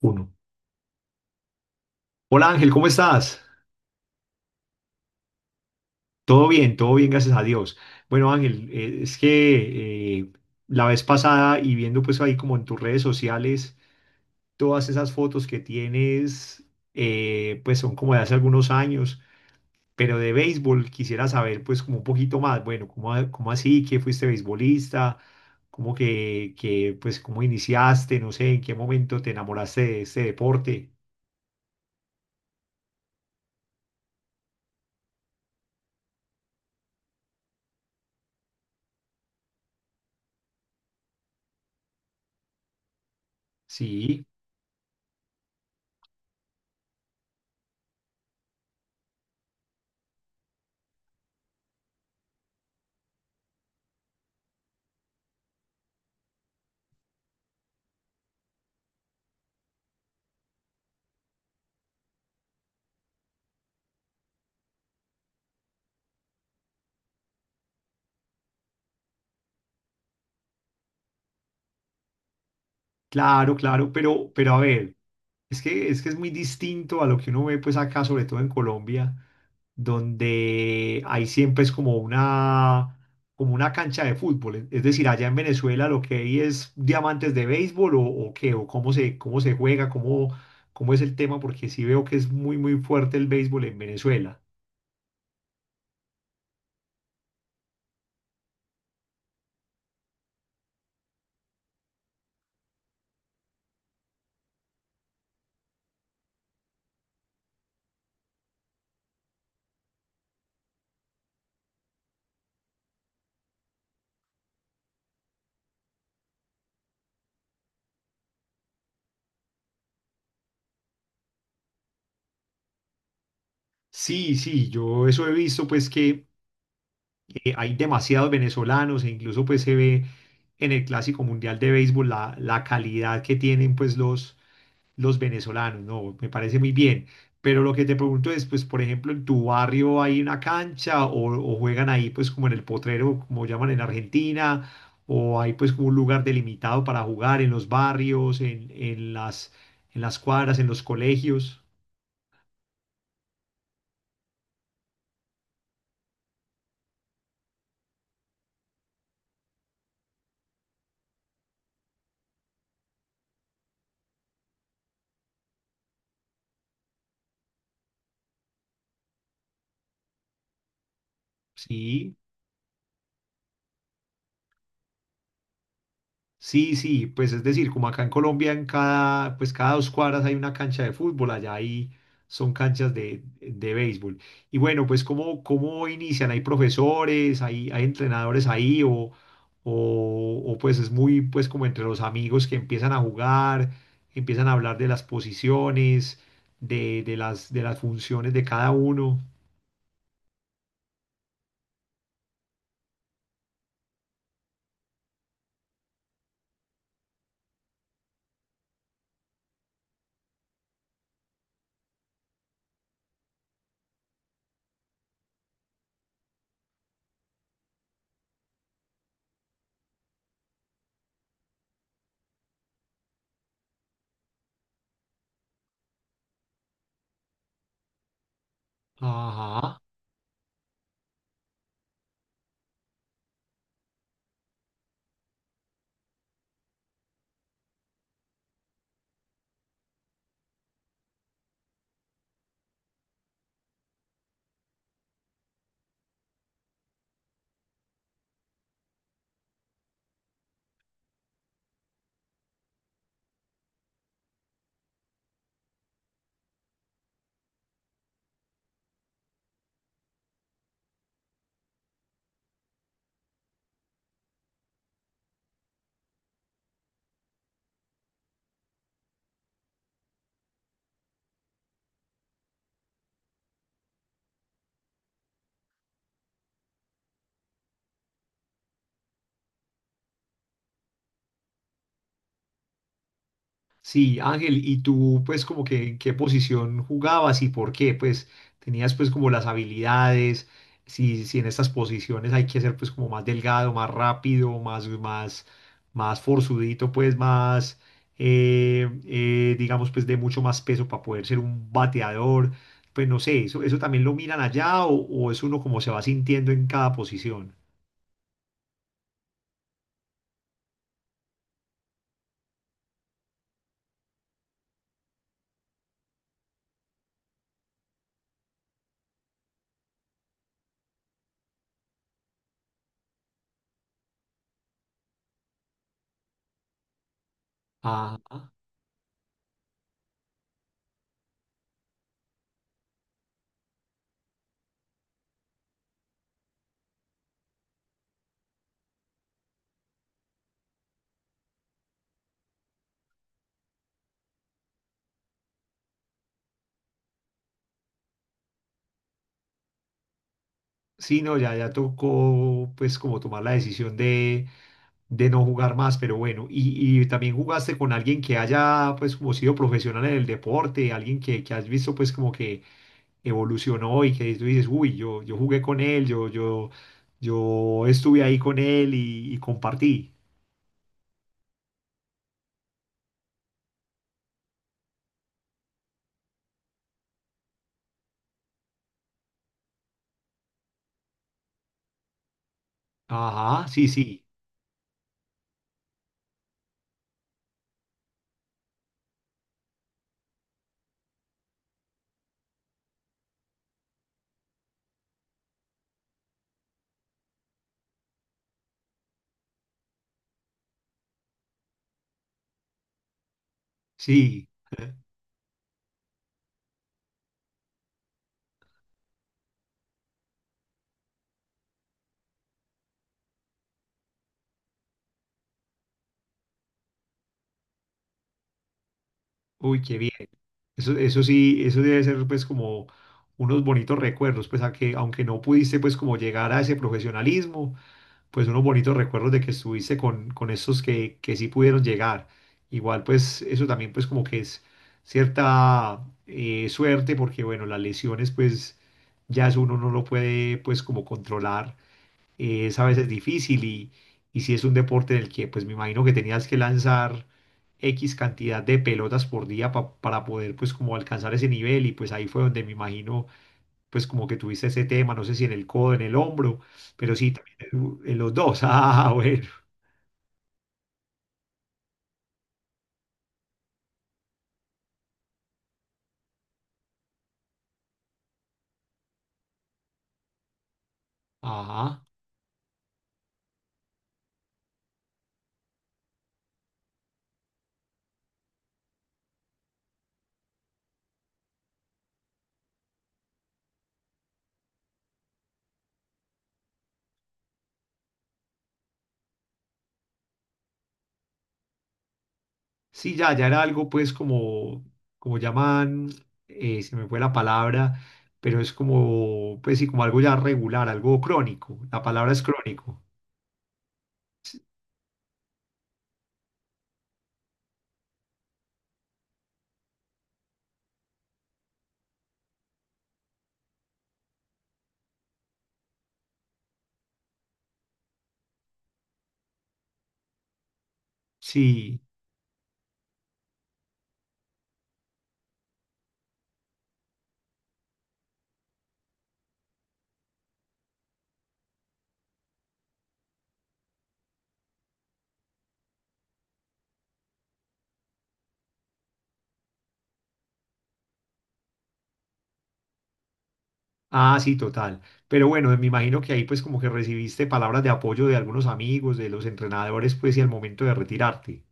Uno. Hola Ángel, ¿cómo estás? Todo bien, gracias a Dios. Bueno Ángel, es que la vez pasada y viendo pues ahí como en tus redes sociales, todas esas fotos que tienes, pues son como de hace algunos años, pero de béisbol quisiera saber pues como un poquito más, bueno, ¿cómo, cómo así que fuiste beisbolista? ¿Cómo que pues cómo iniciaste? No sé, ¿en qué momento te enamoraste de este deporte? Sí. Claro, claro, pero, a ver, es que es muy distinto a lo que uno ve pues acá, sobre todo en Colombia, donde hay siempre es como una cancha de fútbol. Es decir, allá en Venezuela lo que hay es diamantes de béisbol o qué, o cómo se juega, cómo es el tema, porque sí veo que es muy, muy fuerte el béisbol en Venezuela. Sí, sí, yo eso he visto pues que hay demasiados venezolanos e incluso pues se ve en el Clásico Mundial de Béisbol la calidad que tienen pues los venezolanos, ¿no? Me parece muy bien. Pero lo que te pregunto es, pues, por ejemplo, ¿en tu barrio hay una cancha o juegan ahí pues como en el potrero, como llaman en Argentina, o hay pues como un lugar delimitado para jugar en los barrios, en las cuadras, en los colegios? Sí. Sí, sí, pues es decir, como acá en Colombia, en cada, pues cada dos cuadras hay una cancha de fútbol, allá ahí son canchas de béisbol. Y bueno, pues cómo inician? ¿Hay profesores, hay entrenadores ahí o pues es muy pues como entre los amigos que empiezan a jugar, empiezan a hablar de las posiciones, de las funciones de cada uno? Ajá. Sí, Ángel, ¿y tú pues como que en qué posición jugabas y por qué? Pues tenías pues como las habilidades, si en estas posiciones hay que ser pues como más delgado, más rápido, más forzudito, pues más, digamos pues de mucho más peso para poder ser un bateador, pues no sé, eso también lo miran allá o es uno como se va sintiendo en cada posición. Ah, sí, no, ya, ya tocó pues como tomar la decisión de no jugar más, pero bueno, y también jugaste con alguien que haya pues como sido profesional en el deporte, alguien que has visto pues como que evolucionó y que tú dices, uy, yo jugué con él, yo estuve ahí con él y compartí. Ajá, sí, sí, sí. Uy, qué bien. Eso sí, eso debe ser pues como unos bonitos recuerdos, pues aunque no pudiste pues como llegar a ese profesionalismo, pues unos bonitos recuerdos de que estuviste con estos que sí pudieron llegar. Igual, pues eso también pues como que es cierta suerte porque bueno, las lesiones pues ya es uno no lo puede pues como controlar. Es a veces difícil y si es un deporte en el que pues me imagino que tenías que lanzar X cantidad de pelotas por día para poder pues como alcanzar ese nivel y pues ahí fue donde me imagino pues como que tuviste ese tema, no sé si en el codo, en el hombro, pero sí, también en los dos. Ah, bueno. Ajá. Sí, ya, ya era algo pues como, como llaman, se me fue la palabra, pero es como, pues sí, como algo ya regular, algo crónico. La palabra es crónico. Sí. Ah, sí, total. Pero bueno, me imagino que ahí pues como que recibiste palabras de apoyo de algunos amigos, de los entrenadores, pues y al momento de retirarte.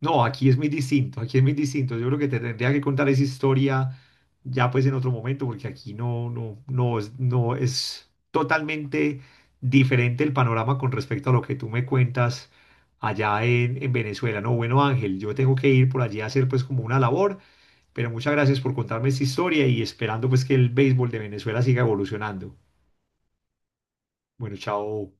No, aquí es muy distinto, aquí es muy distinto. Yo creo que te tendría que contar esa historia ya pues en otro momento, porque aquí no, no, no, no es totalmente diferente el panorama con respecto a lo que tú me cuentas allá en Venezuela. No, bueno, Ángel, yo tengo que ir por allí a hacer pues como una labor, pero muchas gracias por contarme esta historia y esperando pues que el béisbol de Venezuela siga evolucionando. Bueno, chao.